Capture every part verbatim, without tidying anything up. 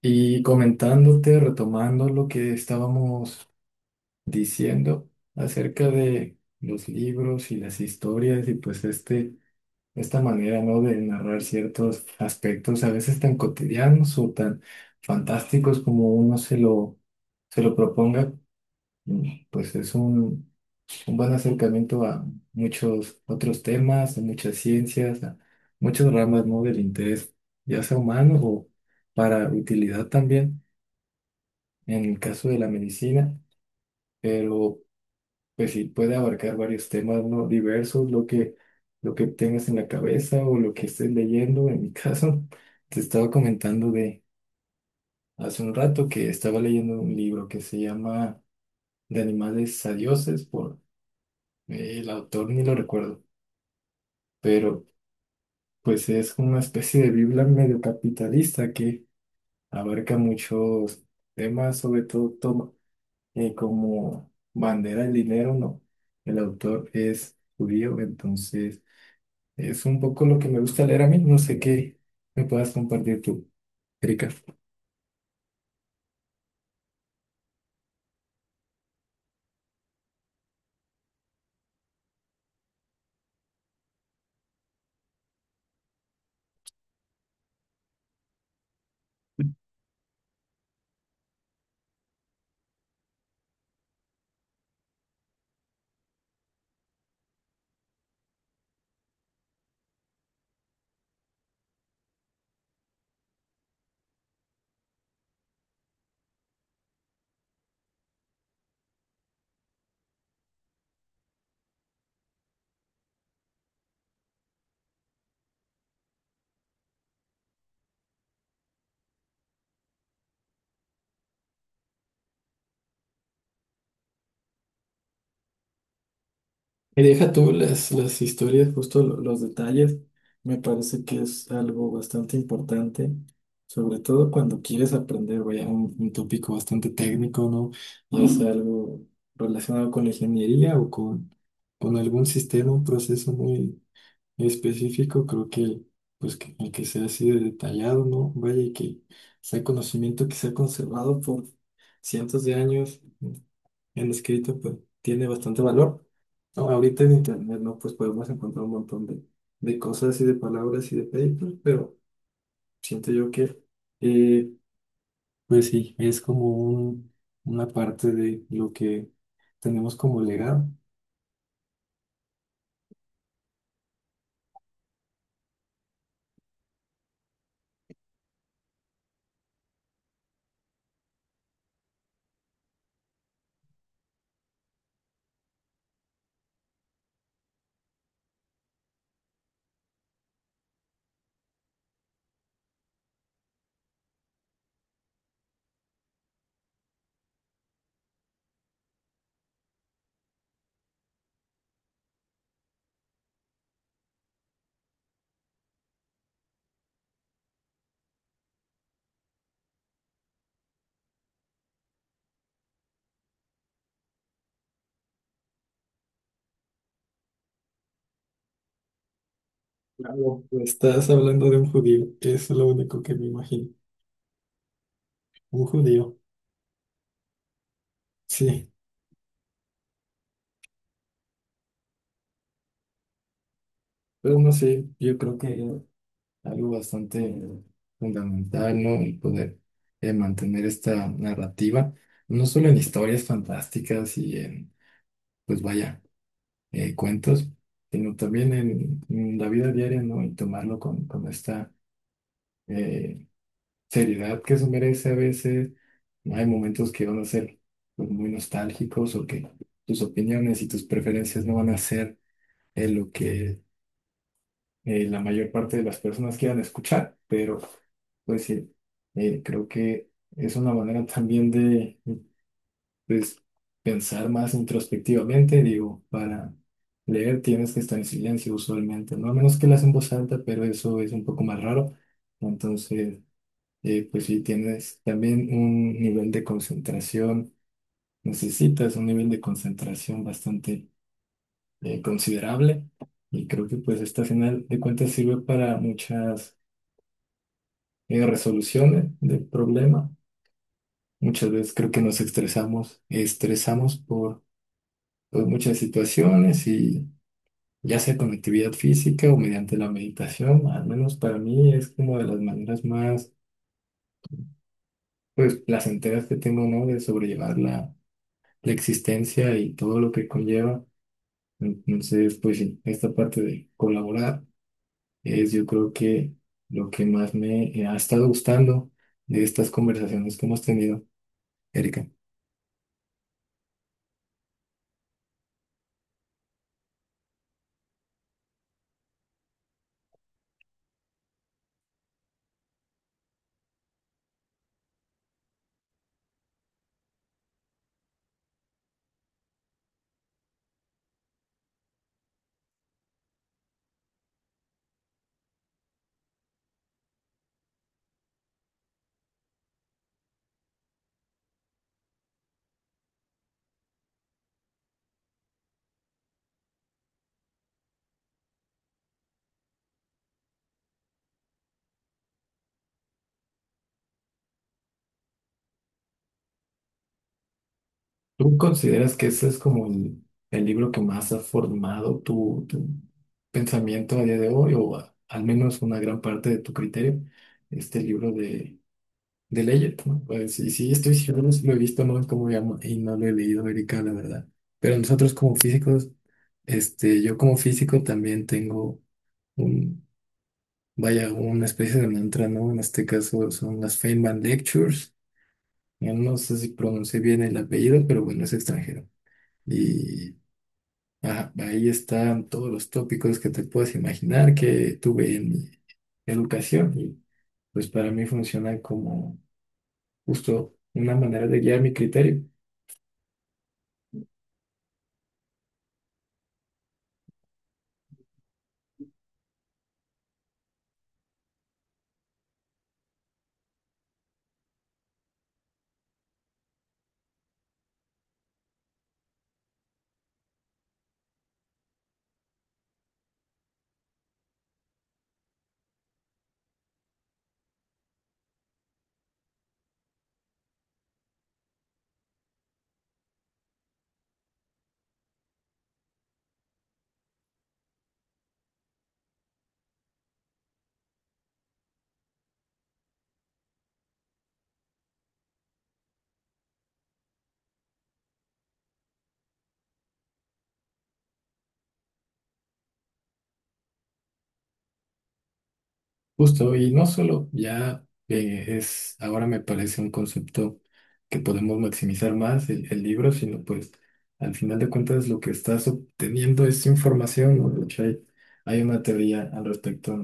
Y comentándote, retomando lo que estábamos diciendo acerca de los libros y las historias, y pues este, esta manera, ¿no?, de narrar ciertos aspectos a veces tan cotidianos o tan fantásticos como uno se lo, se lo proponga. Mm, pues es un, un buen acercamiento a muchos otros temas, a muchas ciencias, a muchas ramas, ¿no?, del interés, ya sea humano o para utilidad también, en el caso de la medicina. Pero pues sí, puede abarcar varios temas, ¿no? Diversos, lo que, lo que tengas en la cabeza o lo que estés leyendo. En mi caso, te estaba comentando de hace un rato, que estaba leyendo un libro que se llama De animales a dioses, por eh, el autor, ni lo recuerdo, pero pues es una especie de Biblia medio capitalista que abarca muchos temas, sobre todo eh, como bandera el dinero, no. El autor es judío, entonces es un poco lo que me gusta leer a mí. No sé qué me puedas compartir tú, Erika. Y deja tú las, las historias, justo lo- los detalles. Me parece que es algo bastante importante, sobre todo cuando quieres aprender, vaya, un, un tópico bastante técnico, ¿no? Ya sea algo relacionado con la ingeniería o con, con algún sistema, un proceso muy específico. Creo que pues que, el que sea así de detallado, ¿no? Vaya, y que sea conocimiento que se ha conservado por cientos de años en escrito, pues tiene bastante valor. No, ahorita en internet, ¿no?, pues podemos encontrar un montón de, de cosas y de palabras y de papers, pero siento yo que, eh, pues sí, es como un- una parte de lo que tenemos como legado. Claro, estás hablando de un judío, es lo único que me imagino, un judío. Sí, pero no sé, yo creo que es algo bastante fundamental, ¿no? El poder, eh, mantener esta narrativa, no solo en historias fantásticas y en, pues vaya, eh, cuentos, sino también en, en la vida diaria, ¿no?, y tomarlo con, con esta eh, seriedad que eso merece a veces. Hay momentos que van a ser pues muy nostálgicos, o que tus opiniones y tus preferencias no van a ser eh, lo que eh, la mayor parte de las personas quieran escuchar, pero pues sí, eh, creo que es una manera también de, pues, pensar más introspectivamente. Digo, para leer tienes que estar en silencio usualmente, ¿no? A menos que leas en voz alta, pero eso es un poco más raro. Entonces, eh, pues sí, tienes también un nivel de concentración, necesitas un nivel de concentración bastante eh, considerable. Y creo que pues esta, al final de cuentas, sirve para muchas eh, resoluciones del problema. Muchas veces creo que nos estresamos, estresamos por, por muchas situaciones, y ya sea con actividad física o mediante la meditación, al menos para mí es como de las maneras más pues placenteras que tengo, ¿no?, de sobrellevar la, la existencia y todo lo que conlleva. Entonces, pues sí, esta parte de colaborar es, yo creo que, lo que más me eh, ha estado gustando de estas conversaciones que hemos tenido, Erika. ¿Tú consideras que ese es como el, el libro que más ha formado tu, tu pensamiento a día de hoy, o a- al menos una gran parte de tu criterio? Este libro de, de Leggett, ¿no? Pues, y sí, estoy seguro, si lo he visto, no es como llamo, y no lo he leído, Erika, la verdad. Pero nosotros como físicos, este, yo como físico también tengo un, vaya, una especie de mantra, ¿no? En este caso son las Feynman Lectures. Yo no sé si pronuncié bien el apellido, pero bueno, es extranjero. Ah, ahí están todos los tópicos que te puedes imaginar que tuve en mi educación, y pues para mí funciona como justo una manera de guiar mi criterio. Justo, y no solo, ya eh, es, ahora me parece un concepto que podemos maximizar más el, el libro, sino pues al final de cuentas lo que estás obteniendo es información, ¿no? De hecho, hay, hay una teoría al respecto,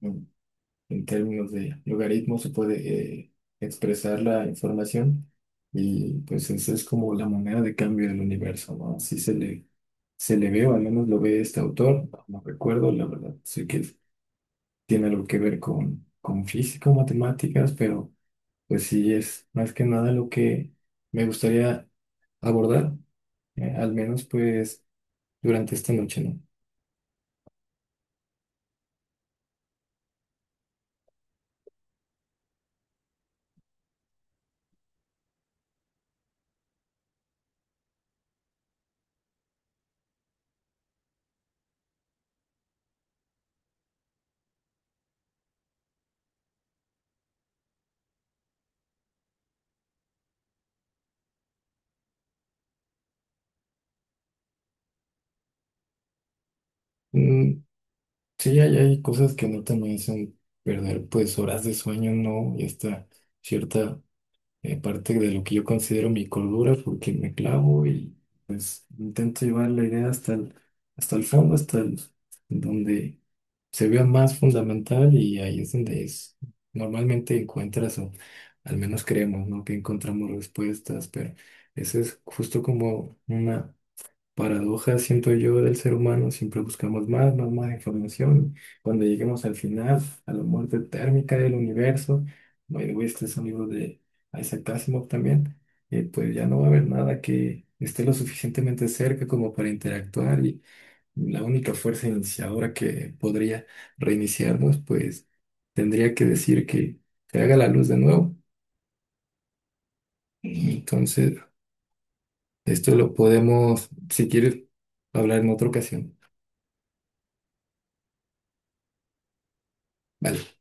¿no?, en términos de logaritmo se puede eh, expresar la información, y pues esa es como la moneda de cambio del universo, ¿no? Así se le, se le ve, o al menos lo ve este autor, no recuerdo, la verdad, sé que tiene algo que ver con, con física o matemáticas, pero pues sí, es más que nada lo que me gustaría abordar, eh, al menos pues durante esta noche, ¿no? Mm, sí, hay, hay cosas que neta me hacen perder pues horas de sueño, ¿no?, y esta cierta eh, parte de lo que yo considero mi cordura, porque me clavo y intento llevar la idea hasta el, hasta el fondo, hasta el- donde se vea más fundamental, y ahí es donde es, normalmente encuentras, o al menos creemos, ¿no?, que encontramos respuestas. Pero eso es justo como una paradoja, siento yo, del ser humano: siempre buscamos más, más, más información. Cuando lleguemos al final, a la muerte térmica del universo, by the way, este es un libro de Isaac Asimov también, eh, pues ya no va a haber nada que esté lo suficientemente cerca como para interactuar, y la única fuerza iniciadora que podría reiniciarnos, pues tendría que decir que se haga la luz de nuevo. Entonces, esto lo podemos, si quieres, hablar en otra ocasión. Vale.